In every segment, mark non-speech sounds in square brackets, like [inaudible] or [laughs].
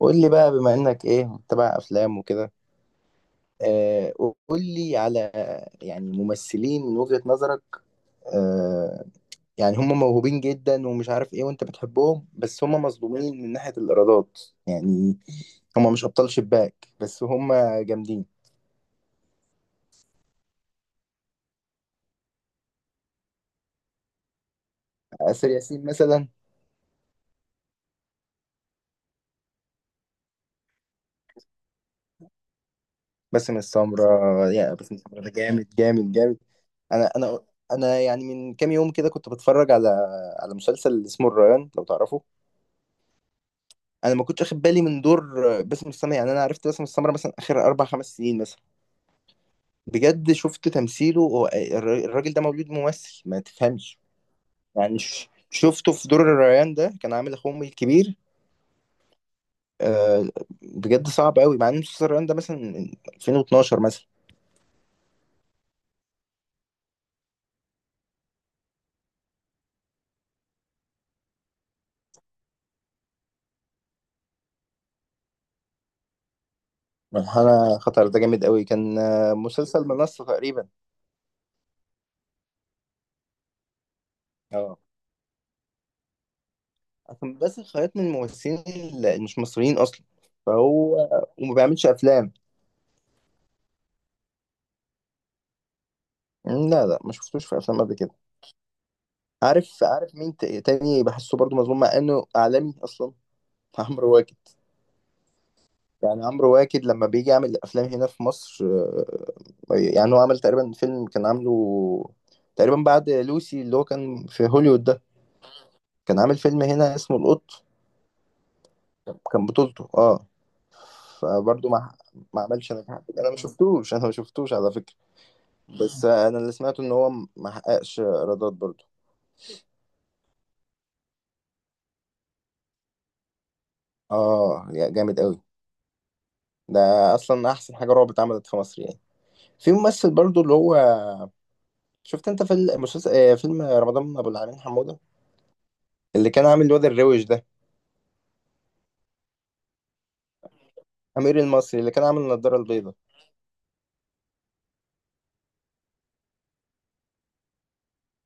قول لي بقى، بما انك ايه، متابع افلام وكده. آه، قول لي على يعني ممثلين من وجهة نظرك، آه، يعني هم موهوبين جدا ومش عارف ايه وانت بتحبهم بس هم مظلومين من ناحية الايرادات. يعني هم مش ابطال شباك بس هم جامدين. آسر ياسين مثلا، باسم السمرة. يا باسم السمرة ده جامد جامد جامد. انا انا انا يعني من كام يوم كده كنت بتفرج على مسلسل اسمه الريان لو تعرفه. انا ما كنتش واخد بالي من دور باسم السمرة، يعني انا عرفت باسم السمرة مثلا اخر اربع خمس سنين مثلا. بجد شفت تمثيله، هو الراجل ده مولود ممثل ما تفهمش. يعني شفته في دور الريان ده كان عامل اخوه امي الكبير. آه، بجد صعب قوي مع ان مسلسل الريان ده مثلا من 2012 مثلا. انا خطر ده جامد قوي كان، آه، مسلسل منصة تقريبا. اه، عشان بس خيط من الممثلين اللي مش مصريين اصلا، فهو وما بيعملش افلام. لا لا، ما شفتوش في افلام قبل كده. عارف عارف مين تاني بحسه برضو مظلوم مع انه اعلامي اصلا؟ [laughs] عمرو واكد. يعني عمرو واكد لما بيجي يعمل افلام هنا في مصر، آه، يعني هو عمل تقريبا فيلم كان عامله تقريبا بعد لوسي اللي هو كان في هوليوود ده، كان عامل فيلم هنا اسمه القط، كان بطولته، اه، فبرضه ما عملش نجاح. انا ما شفتوش، انا ما شفتوش على فكرة. بس آه، انا اللي سمعته ان هو ما حققش ايرادات برضه. اه، يا جامد قوي ده، اصلا احسن حاجة رعب اتعملت في مصر يعني. في ممثل برضو اللي هو، شفت انت في المسلسل، آه، فيلم رمضان ابو العالمين حموده، اللي كان عامل الواد الروش ده، امير المصري، اللي كان عامل النضاره البيضاء.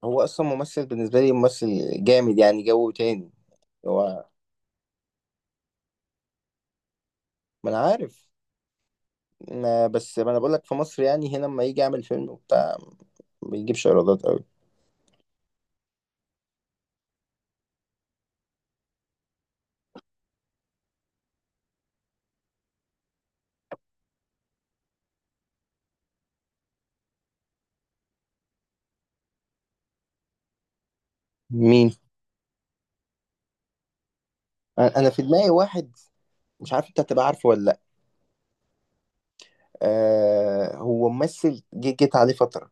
هو اصلا ممثل، بالنسبه لي ممثل جامد يعني جو تاني. هو ما انا عارف، ما بس ما انا بقول لك في مصر يعني، هنا لما يجي يعمل فيلم وبتاع ما بيجيبش ايرادات قوي. مين؟ انا في دماغي واحد، مش عارف انت هتبقى عارفه ولا لا. آه، هو ممثل جيت عليه فتره،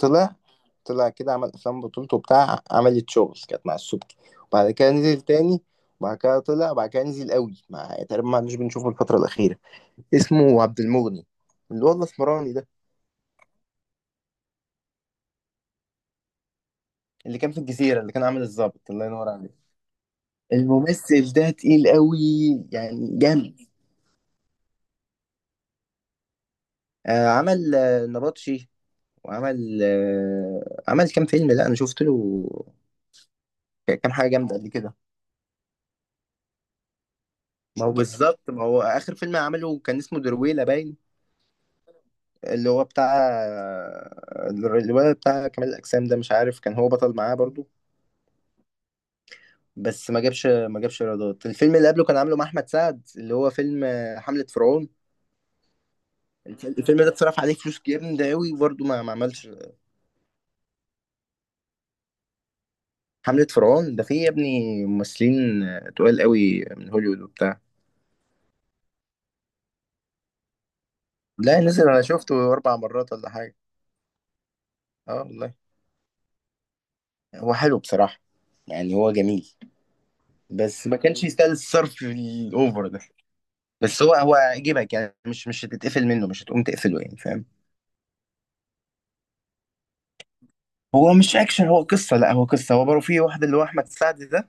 طلع، طلع كده عمل افلام بطولته بتاع، عملت شغل كانت مع السبكي، وبعد كده نزل تاني، وبعد كده طلع، وبعد كده نزل قوي مع تقريبا ما عدناش بنشوفه الفترة الأخيرة. اسمه عبد المغني، اللي هو الأسمراني ده، اللي كان في الجزيرة، اللي كان عامل الضابط الله ينور عليك. الممثل ده تقيل قوي، يعني جامد. آه، عمل آه نبطشي، وعمل آه عمل كام فيلم، لا انا شفت له كام حاجه جامده قبل كده. ما هو بالظبط، ما هو اخر فيلم عمله كان اسمه درويله باين، اللي هو بتاع الولد بتاع كمال الأجسام ده، مش عارف كان هو بطل معاه برضو، بس ما جابش، ما جابش ايرادات. الفيلم اللي قبله كان عامله مع أحمد سعد، اللي هو فيلم آه، حملة فرعون. الفيلم ده اتصرف عليه فلوس جامدة قوي برضو، ما ما عملش. حملة فرعون ده فيه يا ابني ممثلين آه، تقال قوي من هوليوود وبتاع. لا نزل، أنا شفته أربع مرات ولا حاجة. اه والله. هو حلو بصراحة، يعني هو جميل، بس ما كانش يستاهل الصرف الأوفر ده. بس هو هو يجيبك يعني، مش مش هتتقفل منه، مش هتقوم تقفله يعني، فاهم. هو مش اكشن، هو قصه، لا هو قصه، هو برضه في واحد اللي هو احمد سعد ده،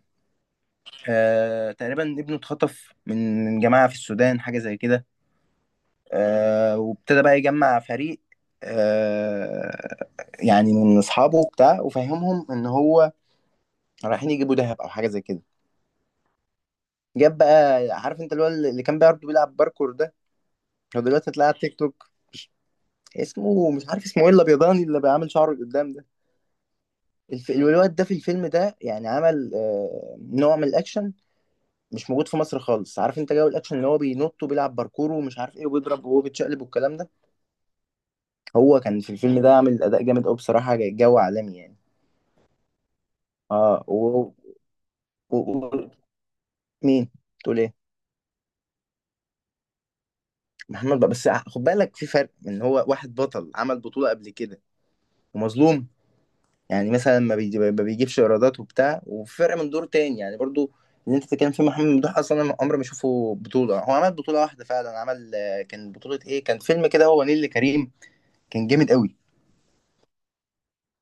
آه تقريبا ابنه اتخطف من جماعه في السودان حاجه زي كده. آه، وابتدى بقى يجمع فريق، آه، يعني من اصحابه وبتاع، وفهمهم ان هو رايحين يجيبوا دهب او حاجه زي كده. جاب بقى، عارف انت اللي هو، اللي كان برضه بيلعب باركور ده، هو دلوقتي طلع على تيك توك، اسمه مش عارف اسمه ايه، الابيضاني اللي بيعمل شعره لقدام ده. الواد ده في الفيلم ده يعني عمل آه، نوع من الاكشن مش موجود في مصر خالص. عارف انت جو الاكشن اللي هو بينط وبيلعب باركور ومش عارف ايه وبيضرب وهو بيتشقلب والكلام ده. هو كان في الفيلم ده عامل اداء جامد قوي بصراحه، جو عالمي يعني. اه و مين؟ تقول ايه؟ محمد بقى، بس خد بالك في فرق، ان هو واحد بطل عمل بطوله قبل كده ومظلوم يعني مثلا ما بيجيبش ايرادات وبتاع، وفرق من دور تاني يعني برضو. اللي انت بتتكلم فيه محمد ممدوح اصلا انا عمري ما اشوفه بطوله، هو عمل بطوله واحده فعلا، عمل آه، كان بطوله ايه، كان فيلم كده هو نيللي كريم، كان جامد قوي.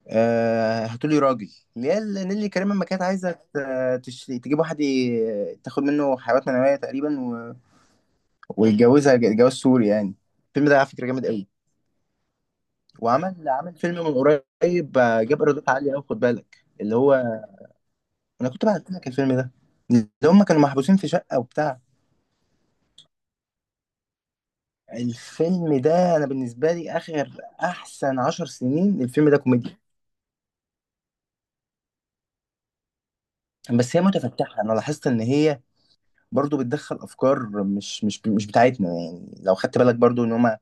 آه، هاتولي راجل، اللي هي نيللي كريم لما كانت عايزه تجيب واحد تاخد منه حيوانات منويه تقريبا، و... ويتجوزها جواز سوري يعني. الفيلم ده على فكره جامد قوي. وعمل عمل فيلم من قريب، آه، جاب ايرادات عاليه قوي، خد بالك اللي هو، انا كنت بعت لك الفيلم ده، اللي هم كانوا محبوسين في شقة وبتاع. الفيلم ده انا بالنسبة لي اخر احسن عشر سنين الفيلم ده كوميديا. بس هي متفتحة، انا لاحظت ان هي برضو بتدخل افكار مش مش بتاعتنا يعني، لو خدت بالك برضو ان هم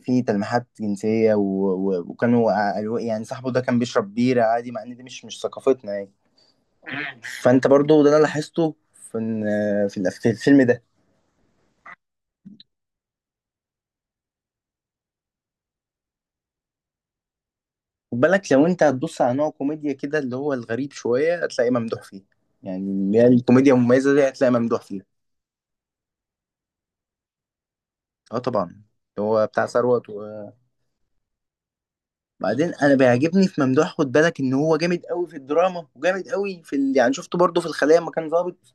في تلميحات جنسية وكانوا آه، قالوا إيه، يعني صاحبه ده كان بيشرب بيرة عادي مع ان دي مش ثقافتنا يعني. فانت برضو ده انا لاحظته في في الفيلم ده. خد بالك لو انت هتبص على نوع كوميديا كده اللي هو الغريب شوية هتلاقيه ممدوح فيه، يعني اللي هي الكوميديا المميزة دي هتلاقي ممدوح فيها. اه طبعا اللي هو بتاع ثروت. وبعدين انا بيعجبني في ممدوح، خد بالك ان هو جامد قوي في الدراما وجامد قوي في يعني شفته برضه في الخلية لما كان ظابط،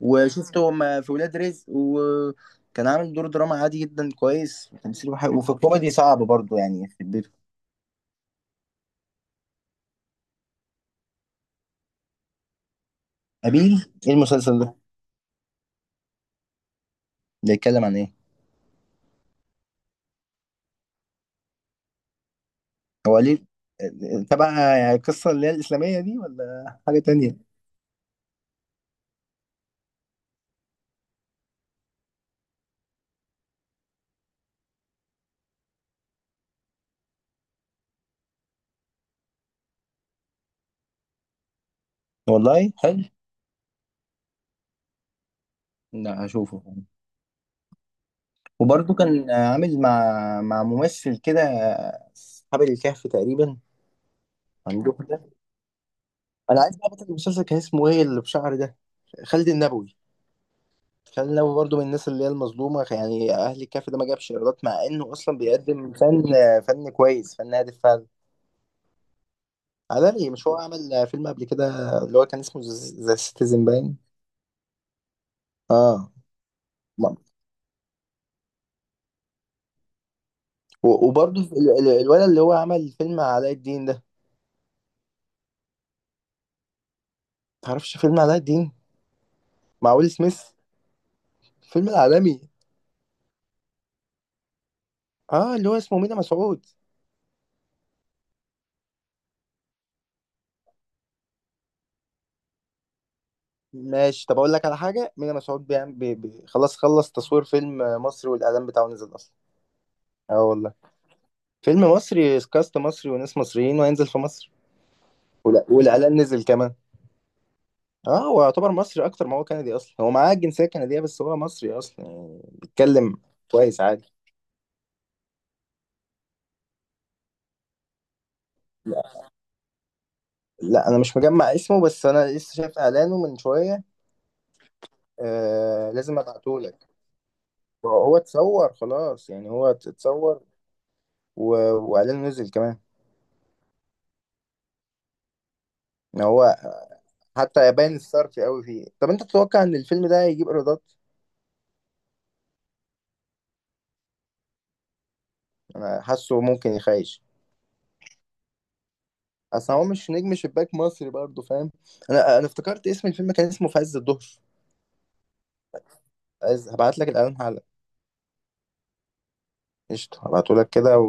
وشفته لما في ولاد رزق وكان عامل دور دراما عادي جدا كويس وتمثيله حلو، وفي الكوميدي صعب برضه يعني في البيت. أبيل، ايه المسلسل ده؟ بيتكلم عن ايه؟ هو ليه تبع القصة اللي هي الإسلامية دي ولا حاجة تانية؟ والله حلو، لا هشوفه. وبرضه كان عامل مع ممثل كده، أصحاب الكهف تقريبا، عندهم ده. أنا عايز بقى، بطل المسلسل كان اسمه إيه اللي بشعر ده؟ خالد النبوي. خالد النبوي برضه من الناس اللي هي المظلومة يعني. أهل الكهف ده ما جابش إيرادات مع إنه أصلا بيقدم فن، فن كويس، فن هادف فعلا. على رأيي، مش هو عمل فيلم قبل كده اللي هو كان اسمه ذا سيتيزن باين؟ آه، و- وبرضه الولد اللي هو عمل فيلم علاء الدين ده، متعرفش فيلم علاء الدين مع ويل سميث، الفيلم العالمي؟ اه، اللي هو اسمه مينا مسعود. ماشي، طب اقول لك على حاجه، مينا مسعود بيعمل بي بي خلاص خلص تصوير فيلم مصري والاعلان بتاعه نزل اصلا. اه والله. فيلم مصري، كاست مصري وناس مصريين، وهينزل في مصر. ولا والاعلان نزل كمان. اه، هو يعتبر مصري اكتر ما هو كندي، اصلا هو معاه الجنسيه الكنديه بس هو مصري اصلا، يعني بيتكلم كويس عادي. لا انا مش مجمع اسمه، بس انا لسه شايف اعلانه من شويه. آه، لازم ابعتهولك. هو اتصور خلاص، يعني هو اتصور، و... واعلانه نزل كمان. ان هو حتى يبان الصرف قوي فيه. طب انت تتوقع ان الفيلم ده هيجيب ايرادات؟ انا حاسه ممكن يخيش، اصل هو مش نجم شباك مصري برضه، فاهم. انا افتكرت اسم الفيلم، كان اسمه في عز الظهر. عايز، هبعت لك الاعلان حالا. قشطه، هبعته لك كده و...